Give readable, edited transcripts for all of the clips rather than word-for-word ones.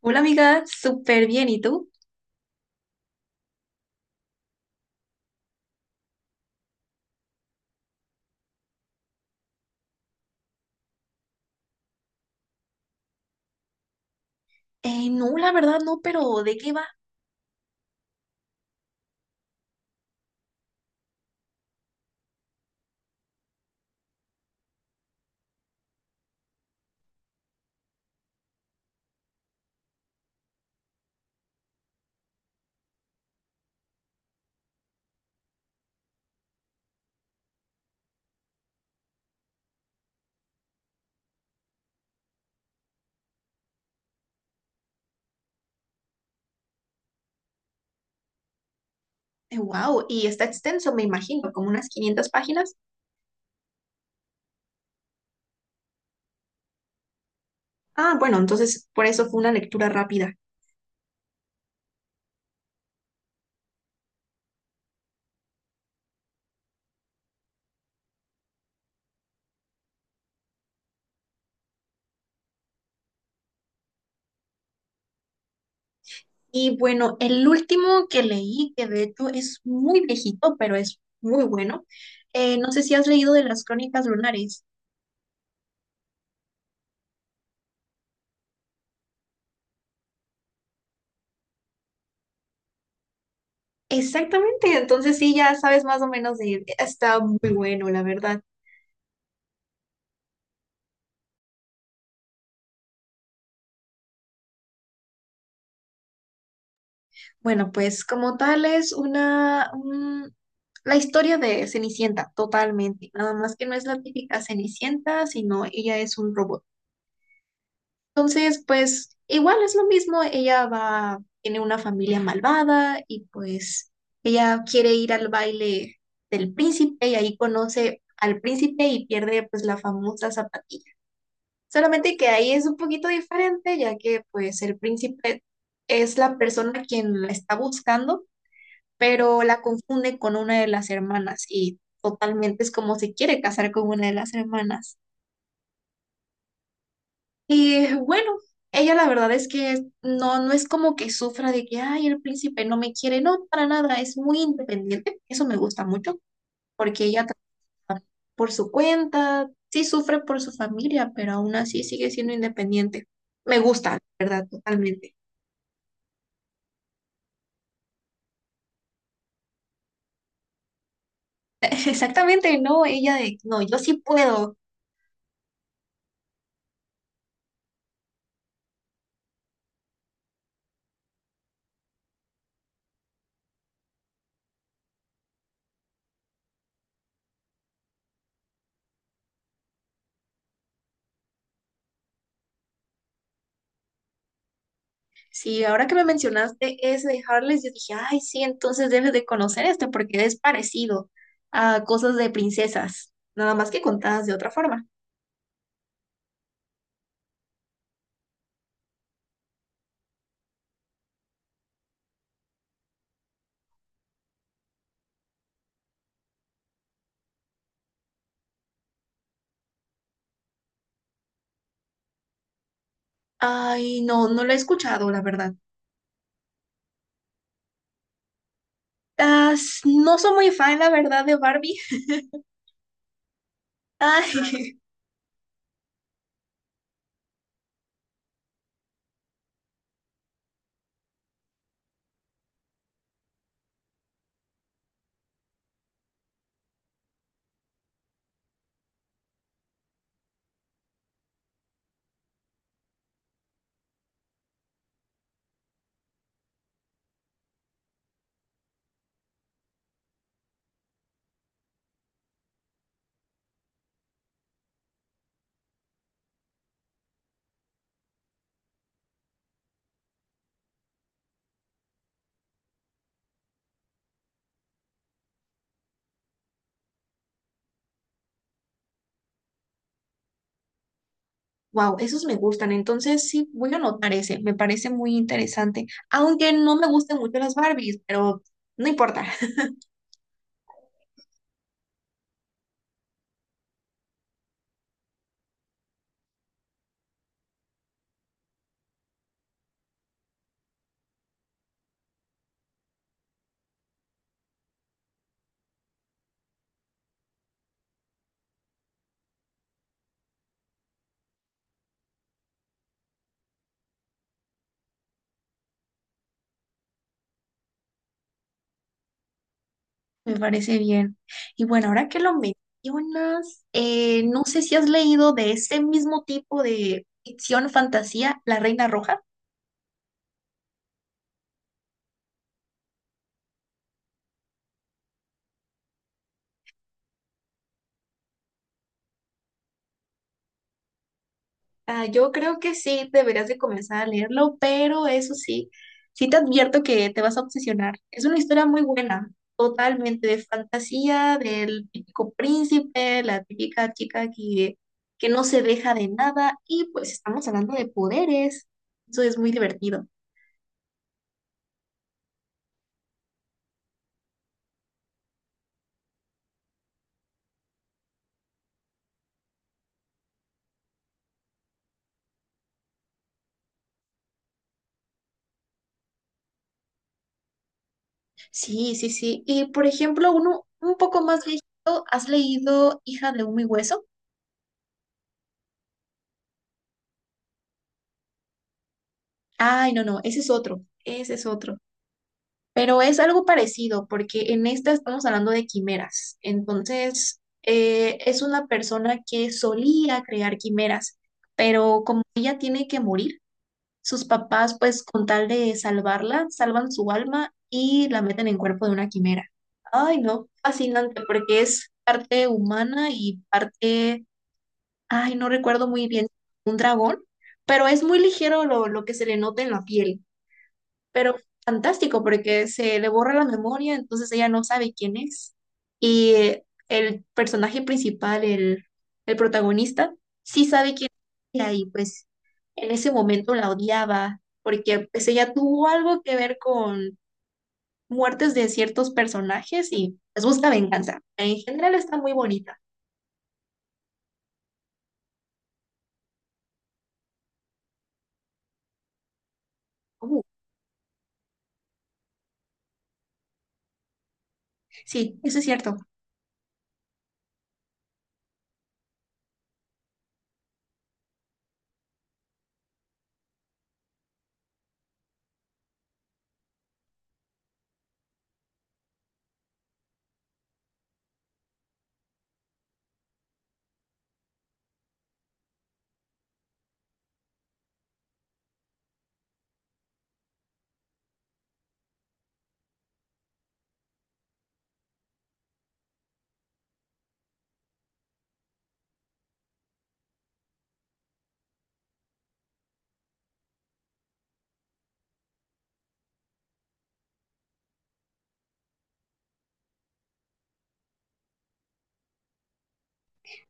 Hola amiga, súper bien. ¿Y tú? No, la verdad no, pero ¿de qué va? Wow, y está extenso, me imagino, como unas 500 páginas. Ah, bueno, entonces por eso fue una lectura rápida. Y bueno, el último que leí, que de hecho es muy viejito, pero es muy bueno. No sé si has leído de las Crónicas Lunares. Exactamente, entonces sí, ya sabes más o menos de... Está muy bueno, la verdad. Bueno, pues como tal es la historia de Cenicienta, totalmente. Nada más que no es la típica Cenicienta, sino ella es un robot. Entonces, pues igual es lo mismo, ella va, tiene una familia malvada y pues ella quiere ir al baile del príncipe y ahí conoce al príncipe y pierde pues la famosa zapatilla. Solamente que ahí es un poquito diferente, ya que pues el príncipe es la persona quien la está buscando, pero la confunden con una de las hermanas y totalmente es como se quiere casar con una de las hermanas. Y bueno, ella la verdad es que no, no es como que sufra de que, ay, el príncipe no me quiere, no, para nada, es muy independiente, eso me gusta mucho, porque por su cuenta, sí sufre por su familia, pero aún así sigue siendo independiente. Me gusta, la ¿verdad? Totalmente. Exactamente, no, no, yo sí puedo. Sí, ahora que me mencionaste ese de Harless, yo dije, ay, sí, entonces debes de conocer este porque es parecido a cosas de princesas, nada más que contadas de otra forma. Ay, no, no lo he escuchado, la verdad. No soy muy fan, la verdad, de Barbie. Ay, wow, esos me gustan, entonces sí, voy a anotar ese, me parece muy interesante, aunque no me gusten mucho las Barbies, pero no importa. Me parece bien. Y bueno, ahora que lo mencionas, no sé si has leído de ese mismo tipo de ficción fantasía, La Reina Roja. Ah, yo creo que sí, deberías de comenzar a leerlo, pero eso sí, sí te advierto que te vas a obsesionar. Es una historia muy buena, totalmente de fantasía, del típico príncipe, la típica chica que no se deja de nada y pues estamos hablando de poderes. Eso es muy divertido. Sí, sí, sí. Y por ejemplo, uno un poco más viejito, ¿has leído Hija de Humo y Hueso? Ay, no, no, ese es otro, ese es otro. Pero es algo parecido, porque en esta estamos hablando de quimeras. Entonces, es una persona que solía crear quimeras, pero como ella tiene que morir, sus papás, pues con tal de salvarla, salvan su alma y la meten en cuerpo de una quimera. Ay, no, fascinante, porque es parte humana y parte... Ay, no recuerdo muy bien. Un dragón, pero es muy ligero lo que se le nota en la piel. Pero fantástico, porque se le borra la memoria, entonces ella no sabe quién es. Y el personaje principal, el protagonista, sí sabe quién es ella, y pues en ese momento la odiaba, porque pues ella tuvo algo que ver con muertes de ciertos personajes y les busca venganza. En general está muy bonita. Uh, sí, eso es cierto.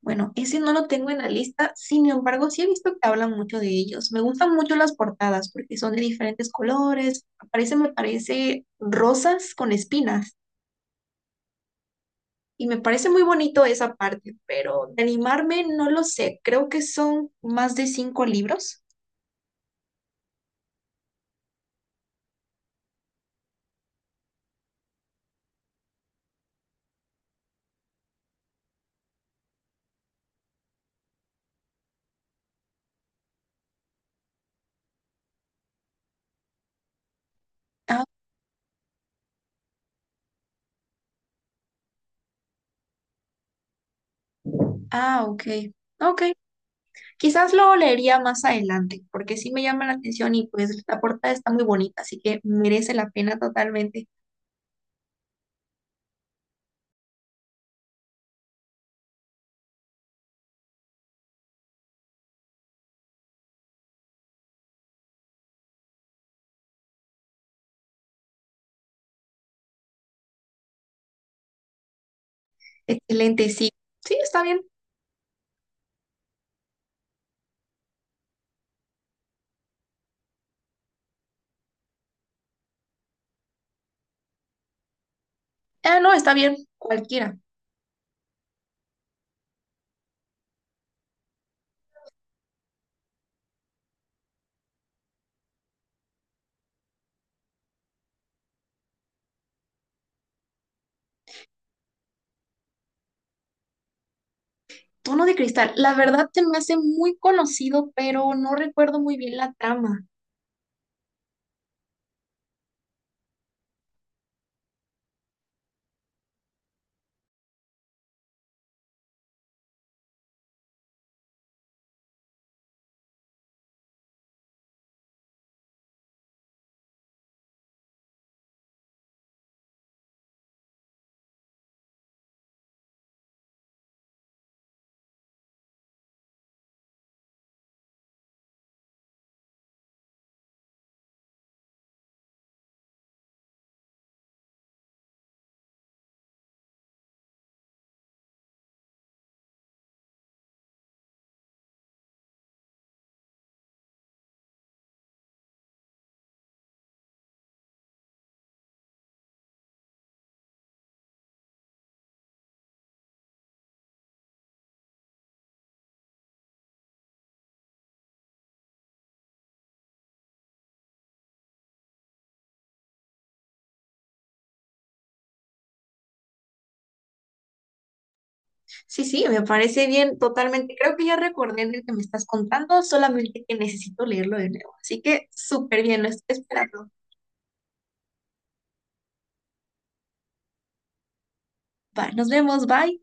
Bueno, ese no lo tengo en la lista, sin embargo, sí he visto que hablan mucho de ellos. Me gustan mucho las portadas porque son de diferentes colores. Aparece, me parece, rosas con espinas. Y me parece muy bonito esa parte, pero de animarme no lo sé. Creo que son más de cinco libros. Ah, ah, ok. Ok, quizás lo leería más adelante, porque sí me llama la atención y pues la portada está muy bonita, así que merece la pena totalmente. Excelente, sí. Sí, está bien. Ah, no, está bien, cualquiera. Tono de cristal. La verdad se me hace muy conocido, pero no recuerdo muy bien la trama. Sí, sí, me parece bien, totalmente. Creo que ya recordé el que me estás contando, solamente que necesito leerlo de nuevo. Así que súper bien, lo estoy esperando. Va, nos vemos, bye.